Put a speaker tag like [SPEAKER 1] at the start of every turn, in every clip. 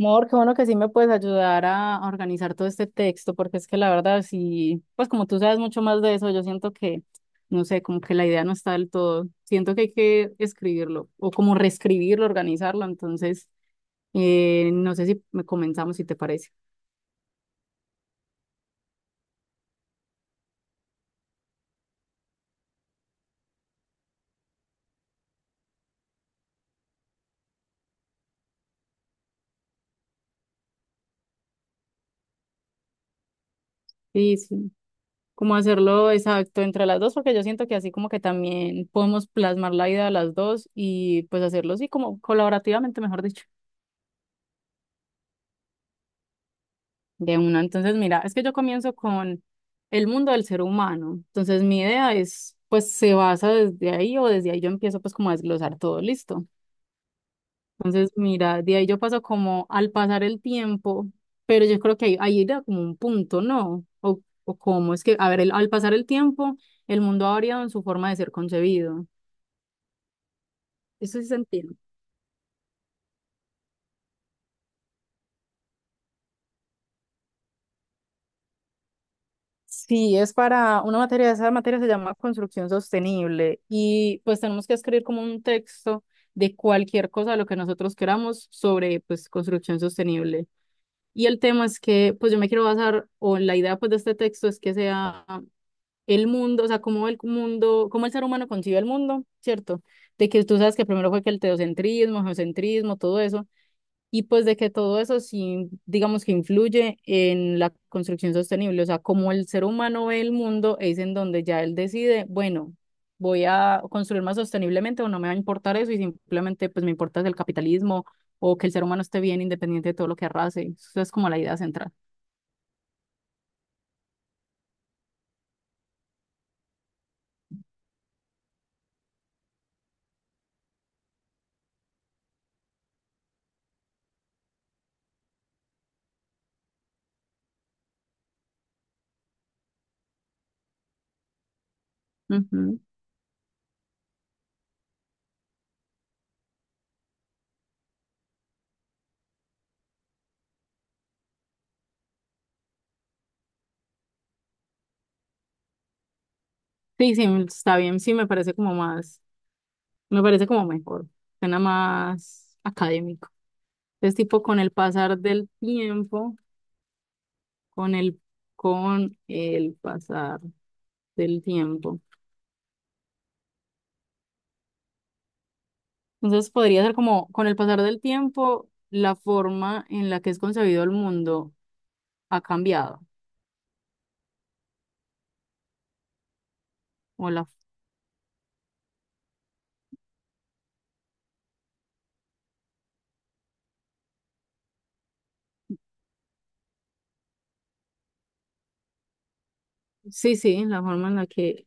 [SPEAKER 1] Mor, qué bueno que sí me puedes ayudar a organizar todo este texto, porque es que la verdad, sí, pues como tú sabes mucho más de eso, yo siento que, no sé, como que la idea no está del todo. Siento que hay que escribirlo o como reescribirlo, organizarlo. Entonces, no sé si me comenzamos, si te parece. Sí, sí, como hacerlo exacto entre las dos, porque yo siento que así como que también podemos plasmar la idea de las dos y pues hacerlo así como colaborativamente, mejor dicho. De una. Entonces, mira, es que yo comienzo con el mundo del ser humano. Entonces, mi idea es, pues, se basa desde ahí o desde ahí yo empiezo, pues, como a desglosar todo, listo. Entonces, mira, de ahí yo paso como al pasar el tiempo, pero yo creo que ahí era como un punto, ¿no? O cómo es que, a ver, al pasar el tiempo, el mundo ha variado en su forma de ser concebido. Eso sí se entiende. Sí, es para una materia, esa materia se llama construcción sostenible y pues tenemos que escribir como un texto de cualquier cosa de lo que nosotros queramos sobre pues construcción sostenible. Y el tema es que pues yo me quiero basar o la idea pues de este texto es que sea el mundo, o sea, cómo el mundo, cómo el ser humano concibe el mundo, ¿cierto? De que tú sabes que primero fue que el teocentrismo, geocentrismo, todo eso y pues de que todo eso sí, digamos que influye en la construcción sostenible, o sea, como el ser humano ve el mundo, es en donde ya él decide, bueno, voy a construir más sosteniblemente o no me va a importar eso y simplemente pues me importa el capitalismo o que el ser humano esté bien independiente de todo lo que arrase. Eso es como la idea central. Ujú. Sí, sí, está bien, sí, me parece como más, me parece como mejor, suena más académico. Es tipo con el pasar del tiempo. con el, con el pasar del tiempo. Entonces podría ser como con el pasar del tiempo, la forma en la que es concebido el mundo ha cambiado. O la, sí, sí, la forma en la que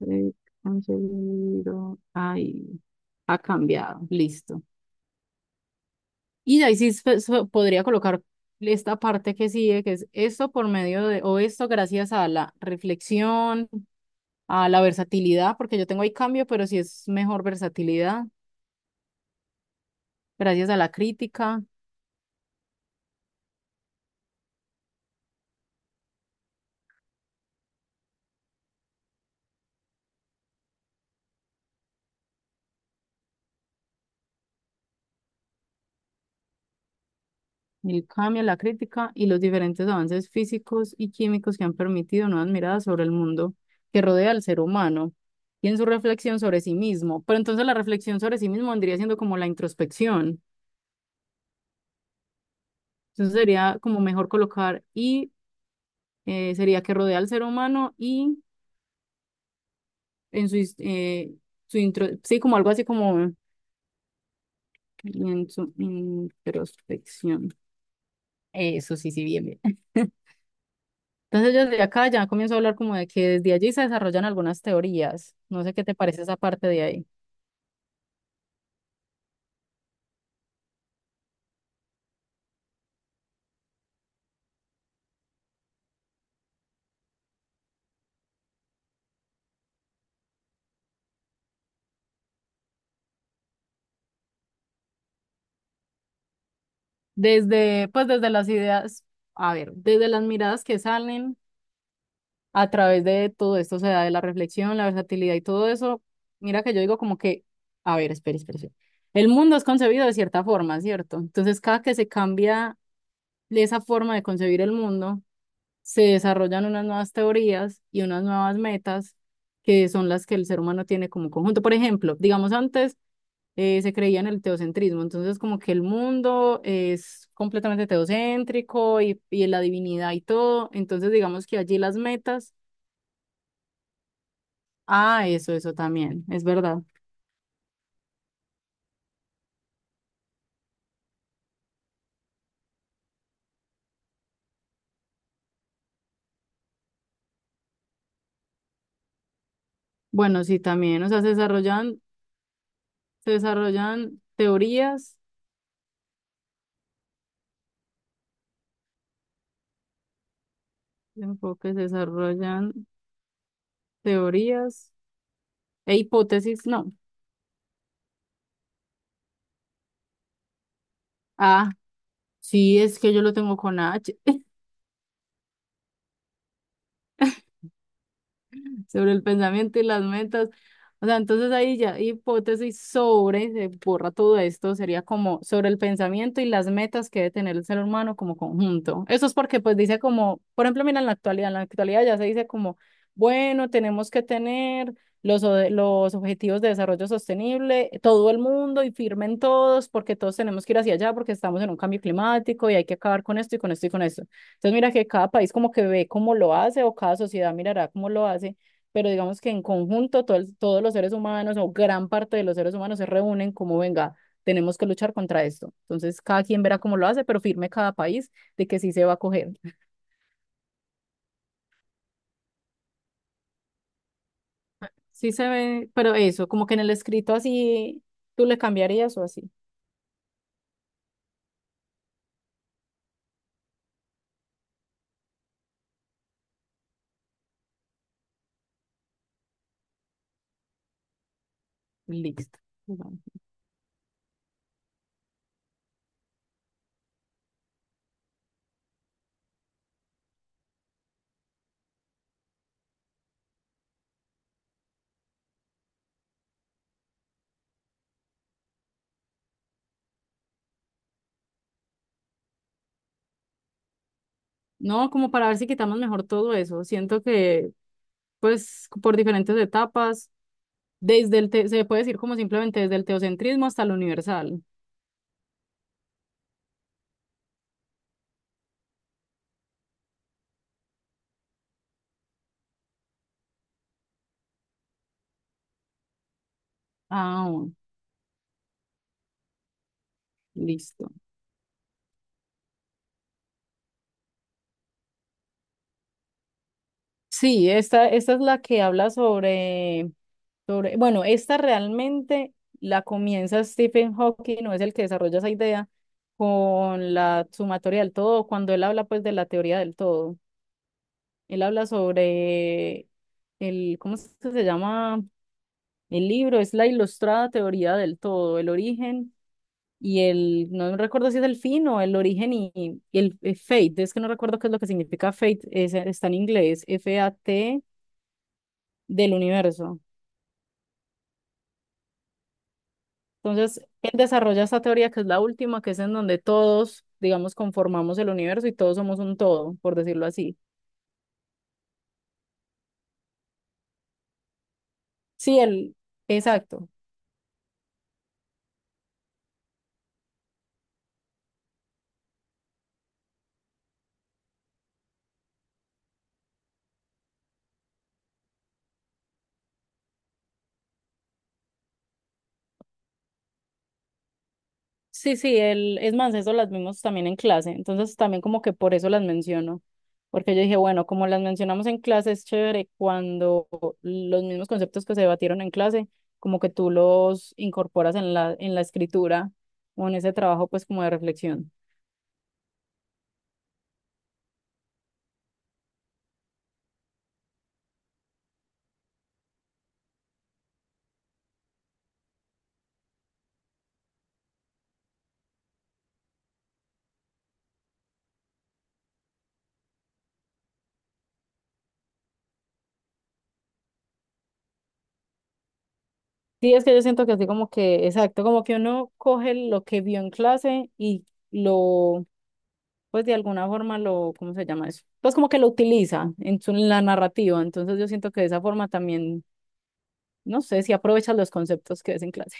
[SPEAKER 1] es concebido ay, ha cambiado. Listo. Y de ahí sí se podría colocar esta parte que sigue, que es esto por medio de, o esto gracias a la reflexión, a la versatilidad, porque yo tengo ahí cambio, pero sí es mejor versatilidad gracias a la crítica, el cambio en la crítica y los diferentes avances físicos y químicos que han permitido nuevas miradas sobre el mundo que rodea al ser humano y en su reflexión sobre sí mismo. Pero entonces la reflexión sobre sí mismo vendría siendo como la introspección. Entonces sería como mejor colocar y sería que rodea al ser humano y en su, su intro, sí, como algo así como en su introspección. Eso sí, sí, bien, bien. Entonces yo desde acá ya comienzo a hablar como de que desde allí se desarrollan algunas teorías. No sé qué te parece esa parte de ahí. Pues desde las ideas, a ver, desde las miradas que salen a través de todo esto, o sea, de la reflexión, la versatilidad y todo eso, mira que yo digo como que, a ver, espera, espera, espera. El mundo es concebido de cierta forma, ¿cierto? Entonces cada que se cambia esa forma de concebir el mundo, se desarrollan unas nuevas teorías y unas nuevas metas que son las que el ser humano tiene como conjunto. Por ejemplo, digamos antes se creía en el teocentrismo, entonces como que el mundo es completamente teocéntrico y la divinidad y todo, entonces digamos que allí las metas, ah, eso también, es verdad. Bueno, sí, también, o sea, se desarrollan, teorías, enfoques, se desarrollan teorías e hipótesis, no. Ah, sí, es que yo lo tengo con H. Sobre el pensamiento y las metas. O sea, entonces ahí ya hipótesis sobre, se borra todo esto, sería como sobre el pensamiento y las metas que debe tener el ser humano como conjunto. Eso es porque pues dice como, por ejemplo, mira en la actualidad ya se dice como, bueno, tenemos que tener los objetivos de desarrollo sostenible, todo el mundo y firmen todos porque todos tenemos que ir hacia allá porque estamos en un cambio climático y hay que acabar con esto y con esto y con esto. Entonces mira que cada país como que ve cómo lo hace o cada sociedad mirará cómo lo hace pero digamos que en conjunto todos los seres humanos o gran parte de los seres humanos se reúnen como, venga, tenemos que luchar contra esto. Entonces, cada quien verá cómo lo hace, pero firme cada país de que sí se va a coger. Sí se ve, pero eso, como que en el escrito así, tú le cambiarías o así. Listo. No, como para ver si quitamos mejor todo eso. Siento que, pues, por diferentes etapas, desde se puede decir como simplemente desde el teocentrismo hasta el universal. Ah, bueno, listo. Sí, esta es la que habla sobre, bueno, esta realmente la comienza Stephen Hawking, no es el que desarrolla esa idea, con la sumatoria del todo, cuando él habla pues de la teoría del todo. Él habla sobre el, ¿cómo es que se llama? El libro, es la ilustrada teoría del todo, el origen y el, no recuerdo si es el fin o el origen y el fate, es que no recuerdo qué es lo que significa fate, está en inglés, F-A-T del universo. Entonces, él desarrolla esta teoría que es la última, que es en donde todos, digamos, conformamos el universo y todos somos un todo, por decirlo así. Sí, él, exacto. Sí, sí, él, es más, eso las vimos también en clase, entonces también como que por eso las menciono, porque yo dije, bueno, como las mencionamos en clase, es chévere cuando los mismos conceptos que se debatieron en clase, como que tú los incorporas en la escritura o en ese trabajo, pues como de reflexión. Sí, es que yo siento que así como que, exacto, como que uno coge lo que vio en clase y lo, pues de alguna forma lo, ¿cómo se llama eso? Pues como que lo utiliza en su, en la narrativa. Entonces yo siento que de esa forma también, no sé, si aprovechas los conceptos que ves en clase.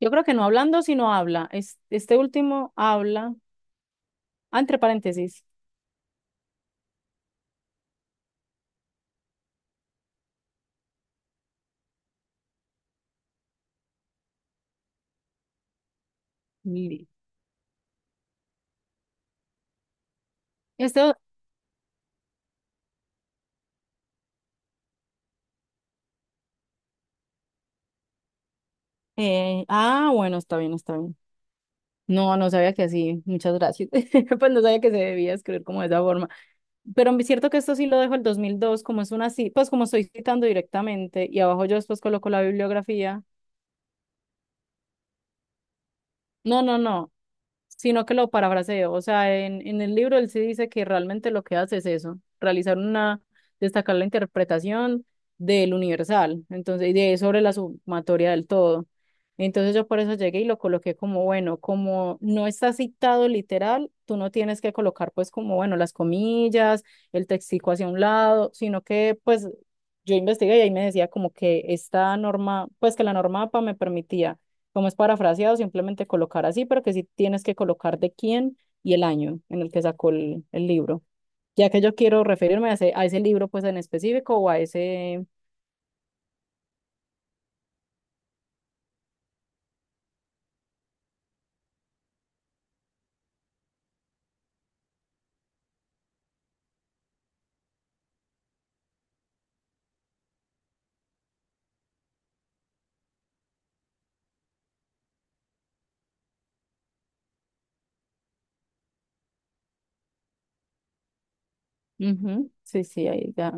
[SPEAKER 1] Yo creo que no hablando, sino habla. Este último habla, ah, entre paréntesis, li- este, ah, bueno, está bien, está bien. No, no sabía que así, muchas gracias. Pues no sabía que se debía escribir como de esa forma. Pero es cierto que esto sí lo dejo el 2002 como es una, pues como estoy citando directamente y abajo yo después coloco la bibliografía. No, no, no. Sino que lo parafraseo. O sea, en el libro él sí dice que realmente lo que hace es eso, realizar una, destacar la interpretación del universal, entonces, y de sobre la sumatoria del todo. Entonces yo por eso llegué y lo coloqué como, bueno, como no está citado literal, tú no tienes que colocar pues como, bueno, las comillas, el textico hacia un lado, sino que pues yo investigué y ahí me decía como que esta norma, pues que la norma APA me permitía como es parafraseado, simplemente colocar así, pero que sí tienes que colocar de quién y el año en el que sacó el libro. Ya que yo quiero referirme a ese libro pues en específico o a ese... Ujú, sí, sí, ahí ya,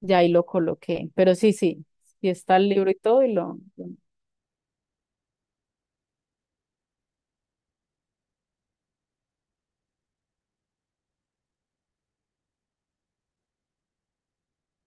[SPEAKER 1] ya ahí lo coloqué. Pero sí, sí, sí está el libro y todo y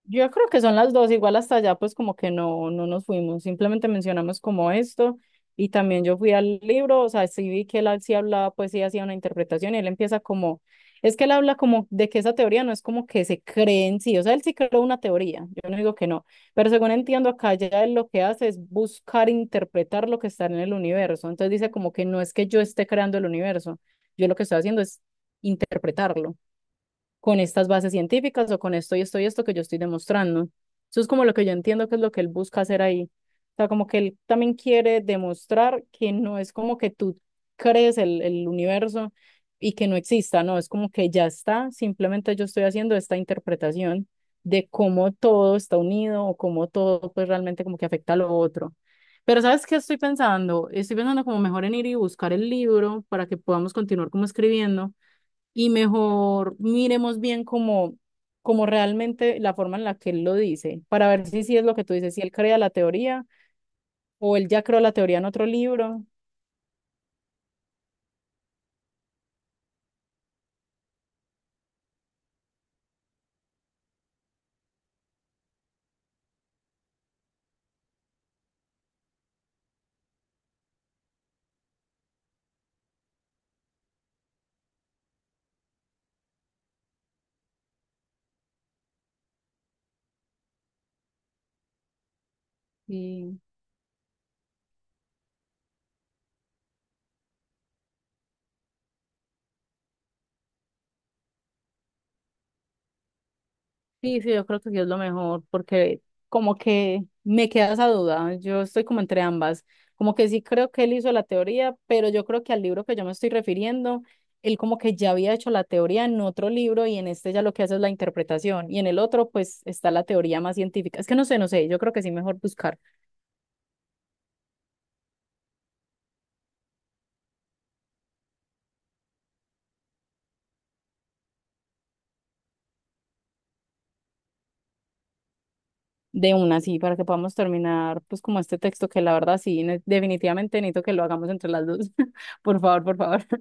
[SPEAKER 1] Yo creo que son las dos, igual hasta allá pues como que no, no nos fuimos, simplemente mencionamos como esto y también yo fui al libro, o sea, sí vi que sí hablaba, pues sí hacía una interpretación y él empieza como, es que él habla como de que esa teoría no es como que se cree en sí, o sea, él sí creó una teoría, yo no digo que no, pero según entiendo acá ya él lo que hace es buscar interpretar lo que está en el universo, entonces dice como que no es que yo esté creando el universo, yo lo que estoy haciendo es interpretarlo con estas bases científicas o con esto y esto y esto que yo estoy demostrando. Eso es como lo que yo entiendo que es lo que él busca hacer ahí. O sea, como que él también quiere demostrar que no es como que tú crees el universo y que no exista, no, es como que ya está, simplemente yo estoy haciendo esta interpretación de cómo todo está unido o cómo todo pues realmente como que afecta a lo otro. Pero ¿sabes qué estoy pensando? Estoy pensando como mejor en ir y buscar el libro para que podamos continuar como escribiendo y mejor miremos bien como realmente la forma en la que él lo dice, para ver si es lo que tú dices, si él crea la teoría o él ya creó la teoría en otro libro. Y sí, sí, yo creo que sí es lo mejor, porque como que me queda esa duda, yo estoy como entre ambas, como que sí creo que él hizo la teoría, pero yo creo que al libro que yo me estoy refiriendo, él como que ya había hecho la teoría en otro libro y en este ya lo que hace es la interpretación y en el otro pues está la teoría más científica. Es que no sé, no sé, yo creo que sí mejor buscar. De una así para que podamos terminar pues como este texto que la verdad sí, definitivamente necesito que lo hagamos entre las dos. Por favor, por favor.